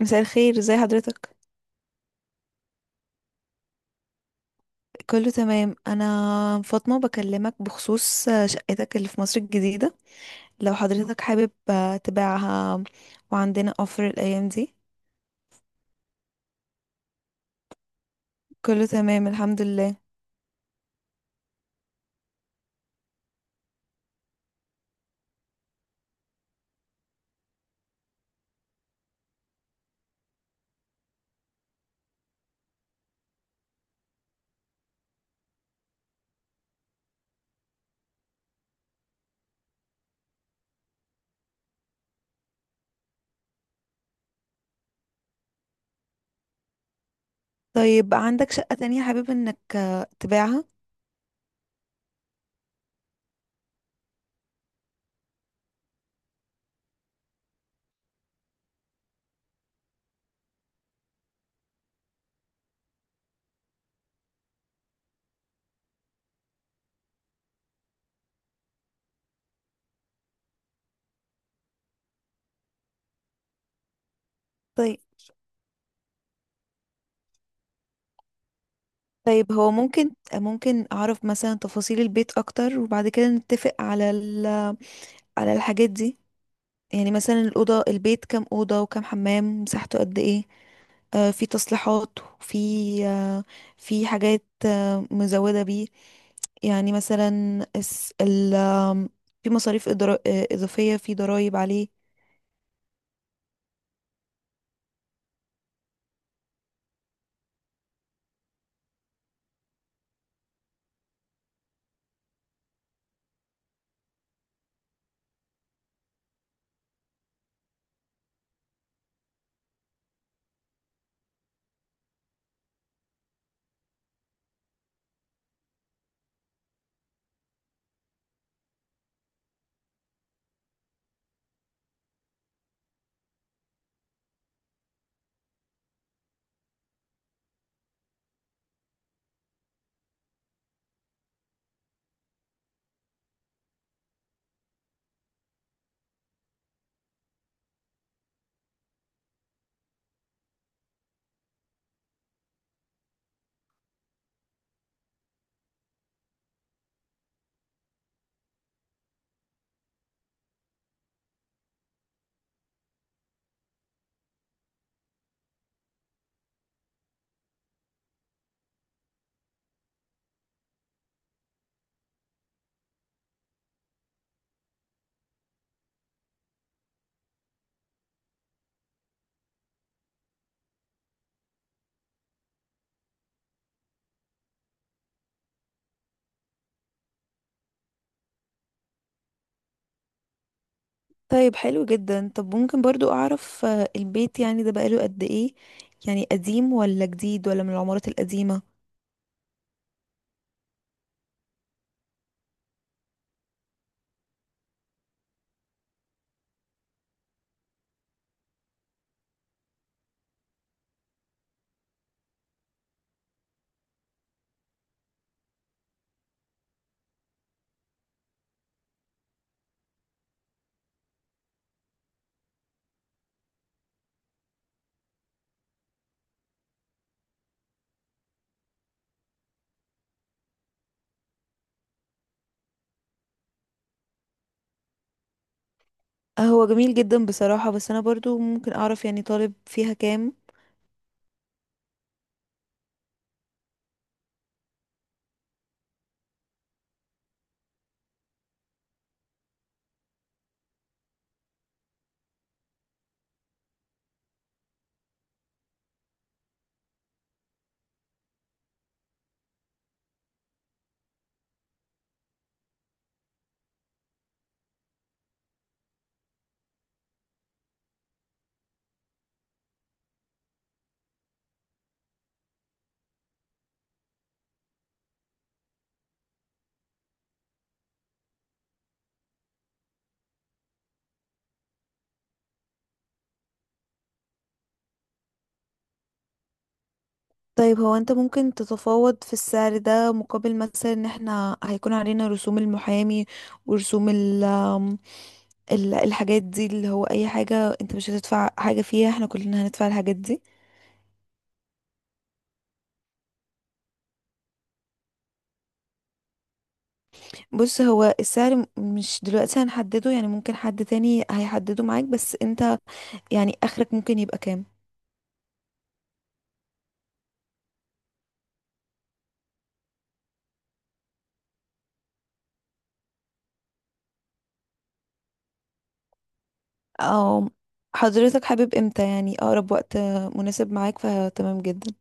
مساء الخير. ازي حضرتك؟ كله تمام. انا فاطمة بكلمك بخصوص شقتك اللي في مصر الجديدة، لو حضرتك حابب تبيعها، وعندنا اوفر الايام دي. كله تمام، الحمد لله. طيب، عندك شقة تانية حابب انك تبيعها؟ طيب. طيب، هو ممكن اعرف مثلا تفاصيل البيت اكتر، وبعد كده نتفق على على الحاجات دي. يعني مثلا البيت كام أوضة وكام حمام، مساحته قد ايه؟ في تصليحات، وفي آه في حاجات مزودة بيه. يعني مثلا الس- ال آم، في مصاريف إضافية، في ضرائب عليه؟ طيب، حلو جدا. طب ممكن برضو أعرف البيت يعني ده بقاله قد إيه؟ يعني قديم ولا جديد، ولا من العمارات القديمة؟ هو جميل جدا بصراحة، بس أنا برضو ممكن أعرف يعني طالب فيها كام؟ طيب، هو انت ممكن تتفاوض في السعر ده مقابل مثلا ان احنا هيكون علينا رسوم المحامي، ورسوم الحاجات دي، اللي هو اي حاجة انت مش هتدفع حاجة فيها، احنا كلنا هندفع الحاجات دي. بص، هو السعر مش دلوقتي هنحدده، يعني ممكن حد تاني هيحدده معاك، بس انت يعني اخرك ممكن يبقى كام؟ او حضرتك حابب امتى؟ يعني اقرب وقت مناسب معاك فتمام جدا.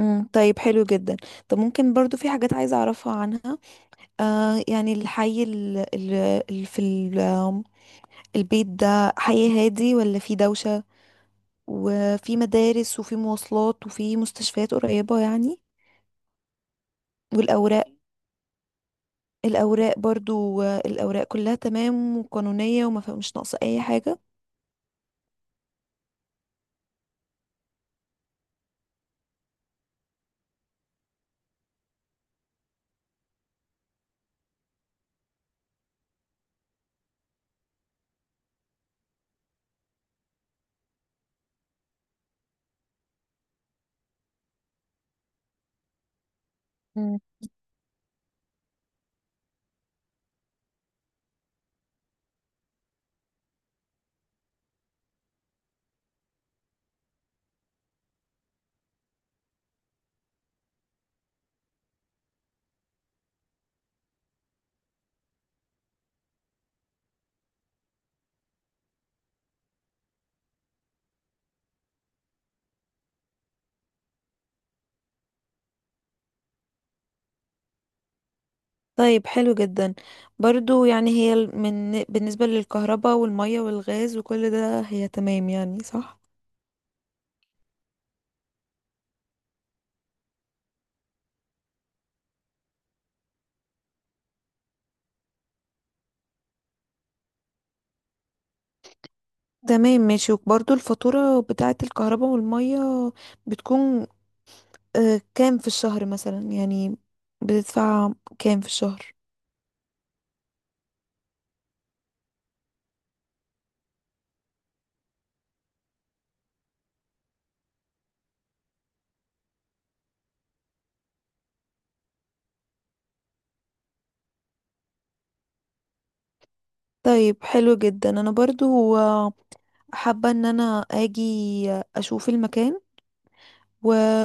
طيب، حلو جدا. طب ممكن برضو في حاجات عايزة اعرفها عنها. يعني الحي ال- ال- ال- في ال- آم، البيت ده حي هادي ولا في دوشة؟ وفي مدارس وفي مواصلات وفي مستشفيات قريبة يعني؟ والأوراق؟ الأوراق برضو، الأوراق كلها تمام وقانونية وما فيها، مش ناقصة أي حاجة؟ مم. طيب، حلو جدا. برضو يعني هي ال- من بالنسبة للكهرباء والمية والغاز وكل ده، هي تمام يعني، صح؟ تمام، ماشي. وبرضو الفاتورة بتاعة الكهرباء والمية بتكون كام في الشهر مثلا؟ يعني بتدفع كام في الشهر؟ طيب، حلو جدا. انا برضو حابة ان انا اجي اشوف المكان و...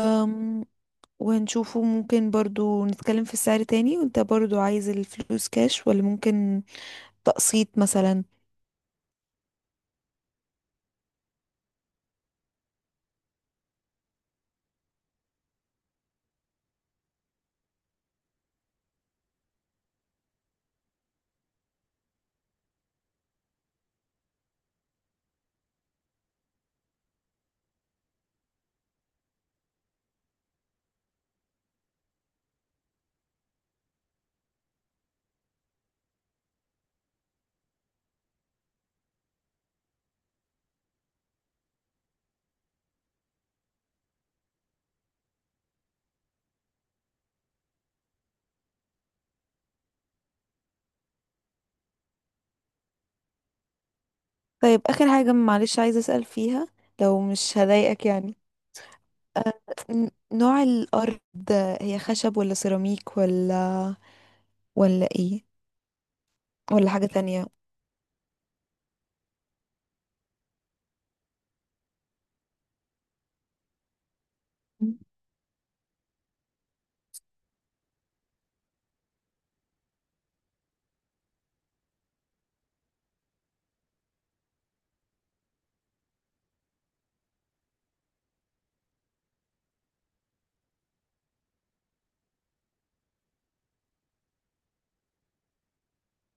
ونشوفه. ممكن برضو نتكلم في السعر تاني. وانت برضو عايز الفلوس كاش ولا ممكن تقسيط مثلا؟ طيب، اخر حاجة معلش عايزة اسأل فيها، لو مش هضايقك يعني. نوع الارض، هي خشب ولا سيراميك، ولا ايه؟ ولا حاجة تانية؟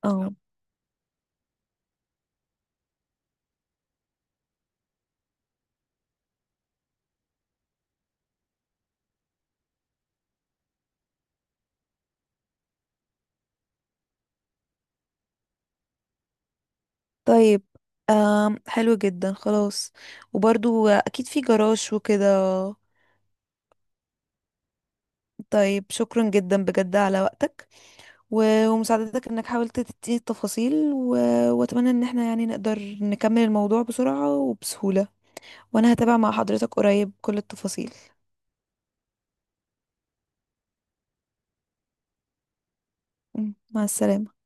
اه. طيب، حلو جدا، خلاص. وبرضو اكيد في جراج وكده؟ طيب، شكرا جدا بجد على وقتك ومساعدتك، انك حاولت تديني التفاصيل واتمنى ان احنا يعني نقدر نكمل الموضوع بسرعة وبسهولة. وانا هتابع مع حضرتك قريب كل التفاصيل. مع السلامة.